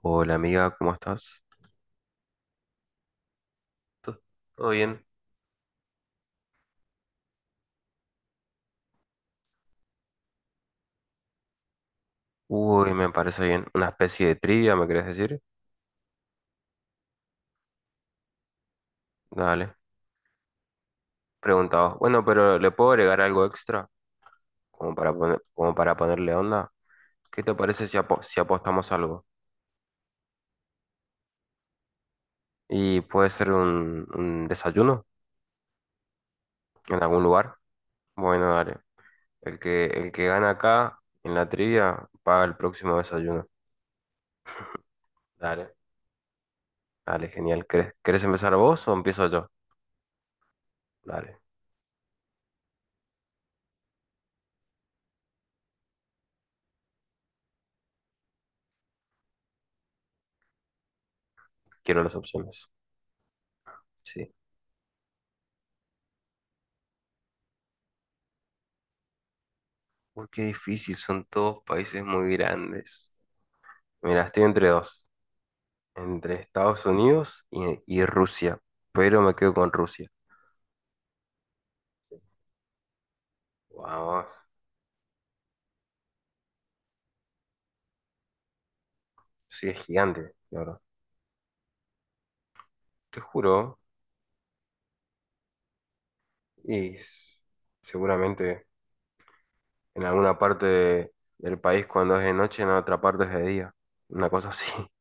Hola amiga, ¿cómo estás? ¿Todo todo bien? Uy, me parece bien. ¿Una especie de trivia, me querés decir? Dale. Preguntado. Bueno, pero ¿le puedo agregar algo extra? Como para ponerle onda. ¿Qué te parece si apostamos algo? ¿Y puede ser un desayuno en algún lugar? Bueno, dale. El que gana acá en la trivia paga el próximo desayuno. Dale. Dale, genial. ¿Querés empezar vos o empiezo yo? Dale. Quiero las opciones. Sí. Uy, qué difícil, son todos países muy grandes. Mira, entre Estados Unidos y Rusia, pero me quedo con Rusia. Vamos, sí, es gigante, la verdad. Te juro, y s- seguramente en alguna parte del país cuando es de noche, en otra parte es de día. Una cosa así,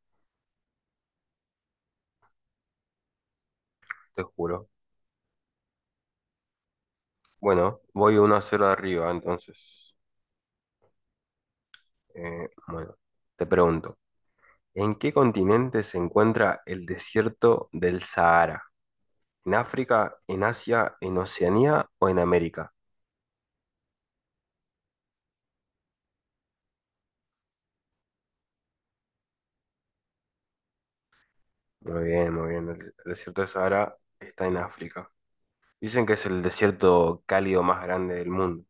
te juro. Bueno, voy 1 a 0 arriba, entonces. Bueno, te pregunto, ¿en qué continente se encuentra el desierto del Sahara? ¿En África, en Asia, en Oceanía o en América? Muy bien, muy bien. El desierto de Sahara está en África. Dicen que es el desierto cálido más grande del mundo,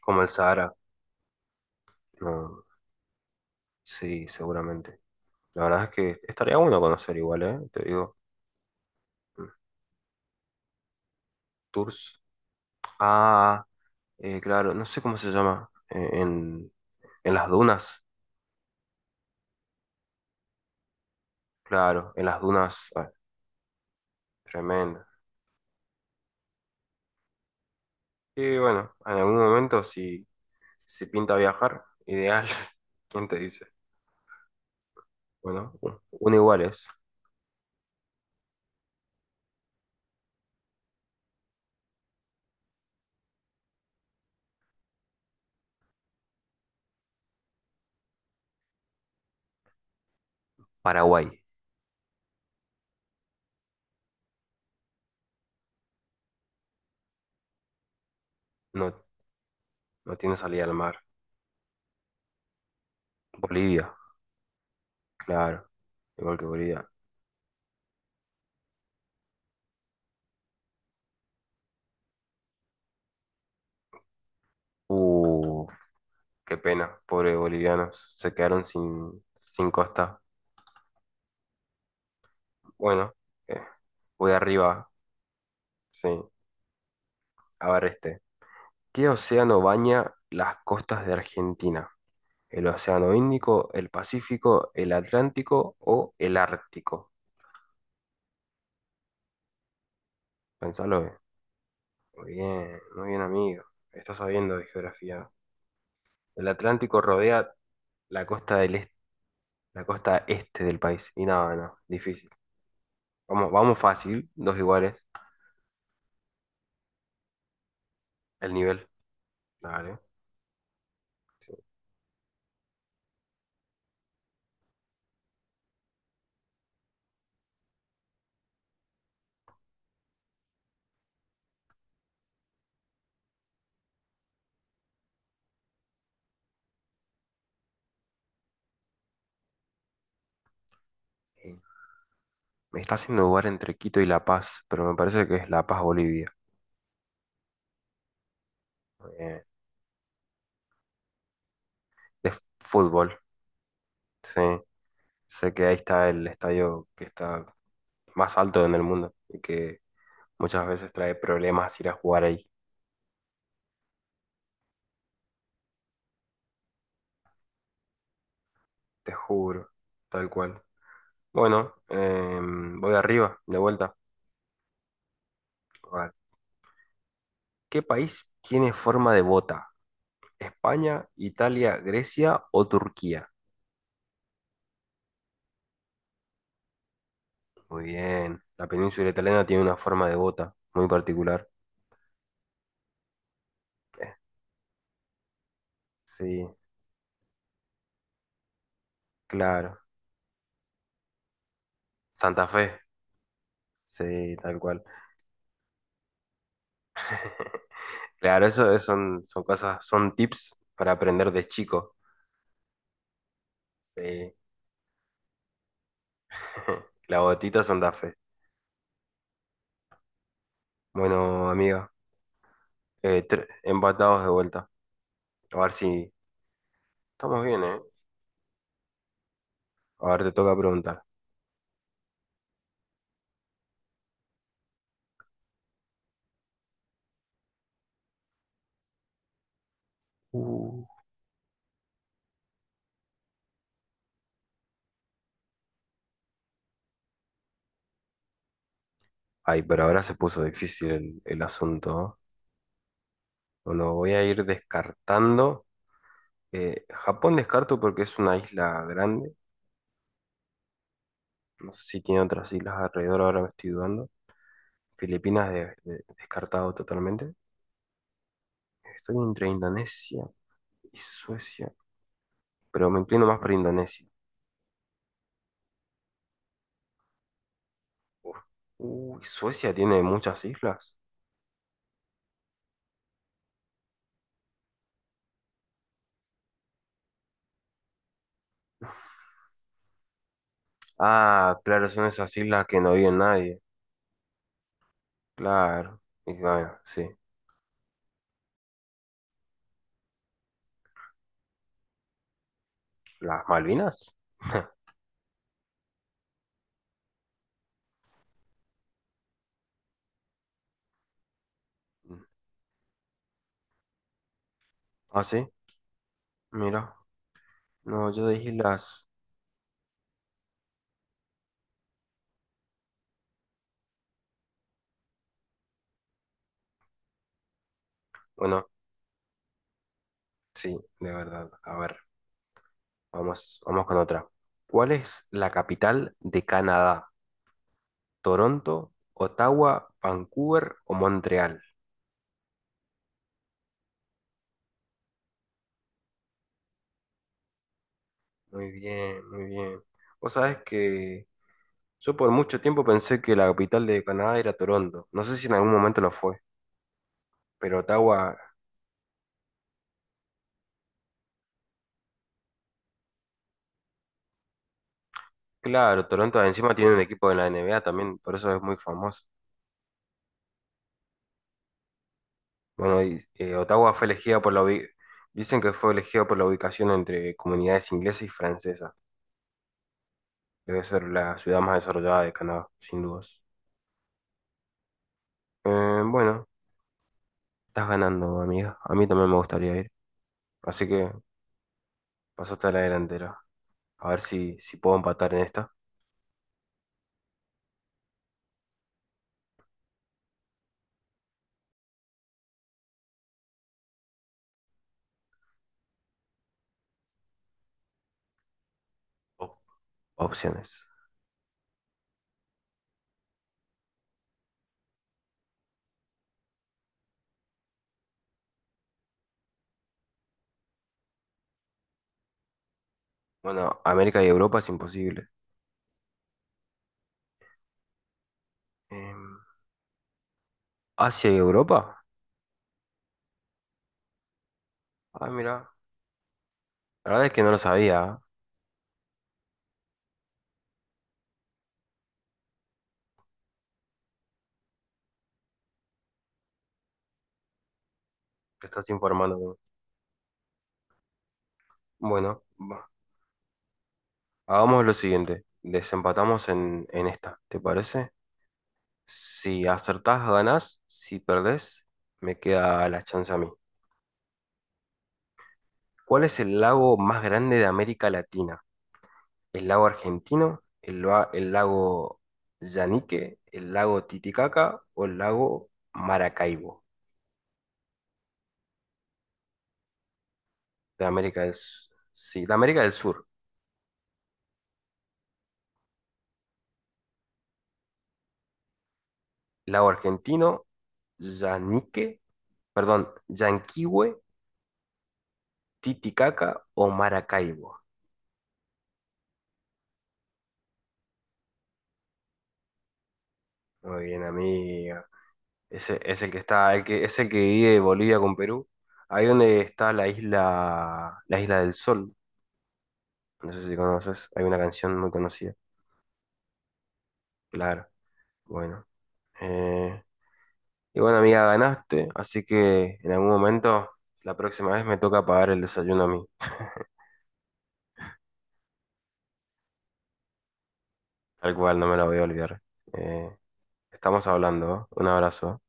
como el Sahara. No, sí, seguramente. La verdad es que estaría bueno conocer igual, ¿eh? Te digo, mm, tours. Ah, claro, no sé cómo se llama. En las dunas, claro, en las dunas, ah, tremendo. Y bueno, en algún momento si pinta viajar, ideal. ¿Quién te dice? Bueno, uno igual es Paraguay. No, no tiene salida al mar. Bolivia, claro. Igual que Bolivia. Uh, qué pena. Pobres bolivianos. Se quedaron sin costa. Bueno, eh, voy arriba. Sí. A ver este. ¿Qué océano baña las costas de Argentina? ¿El océano Índico, el Pacífico, el Atlántico o el Ártico? Pensalo, eh. Muy bien, amigo. Estás sabiendo de geografía. El Atlántico rodea la costa del este, la costa este del país. Y nada, no, difícil. Vamos, vamos fácil, dos iguales, el nivel. Dale. Sí. Sí. Me está haciendo dudar entre Quito y La Paz, pero me parece que es La Paz, Bolivia. Eh, de fútbol. Sí. Sé que ahí está el estadio que está más alto en el mundo y que muchas veces trae problemas ir a jugar ahí. Te juro, tal cual. Bueno, voy arriba, de vuelta. A ver, ¿qué país tiene forma de bota? España, Italia, Grecia o Turquía. Muy bien. La península italiana tiene una forma de bota muy particular. Eh, sí, claro. Santa Fe. Sí, tal cual. Claro, son, son cosas, son tips para aprender de chico. Sí. La botita Santa Fe. Bueno, amiga, empatados de vuelta. A ver si estamos bien, ¿eh? A ver, te toca preguntar. Uh. Ay, pero ahora se puso difícil el asunto, ¿no? Bueno, voy a ir descartando. Japón descarto porque es una isla grande. No sé si tiene otras islas alrededor, ahora me estoy dudando. Filipinas descartado totalmente. Estoy entre Indonesia y Suecia, pero me inclino más por Indonesia. Uf. Uy, Suecia tiene muchas islas. Ah, claro, son esas islas que no vive nadie. Claro. Y bueno, sí. ¿Las Malvinas? Ah, sí, mira. No, yo dije las... Bueno, sí, de verdad. A ver. Vamos, vamos con otra. ¿Cuál es la capital de Canadá? ¿Toronto, Ottawa, Vancouver o Montreal? Muy bien, muy bien. Vos sabés que yo por mucho tiempo pensé que la capital de Canadá era Toronto. No sé si en algún momento lo fue, pero Ottawa, claro, Toronto encima tiene un equipo de la NBA también, por eso es muy famoso. Bueno, Ottawa fue elegida por dicen que fue elegida por la ubicación entre comunidades inglesas y francesas. Debe ser la ciudad más desarrollada de Canadá, sin dudas. Bueno, estás ganando, amiga. A mí también me gustaría ir. Así que pasaste a la delantera. A ver si puedo empatar en esta. Op- opciones. Bueno, América y Europa es imposible. Eh, ¿Asia y Europa? Ah, mira. La verdad es que no lo sabía, ¿eh? Te estás informando. Bueno, hagamos lo siguiente. Desempatamos en esta. ¿Te parece? Si acertás, ganás. Si perdés, me queda la chance a mí. ¿Cuál es el lago más grande de América Latina? El lago Argentino, el lago Yanique, el lago Titicaca o el lago Maracaibo de sí, de América del Sur. Lago Argentino, Yanique, perdón, Yanquihue, Titicaca o Maracaibo. Muy bien, amigo. Ese es el que está, el que, es el que divide Bolivia con Perú. Ahí donde está la isla del Sol. No sé si conoces, hay una canción muy conocida. Claro, bueno. Eh, y bueno, amiga, ganaste, así que en algún momento, la próxima vez me toca pagar el desayuno a mí, tal cual, no me la voy a olvidar. Eh, estamos hablando, ¿eh? Un abrazo.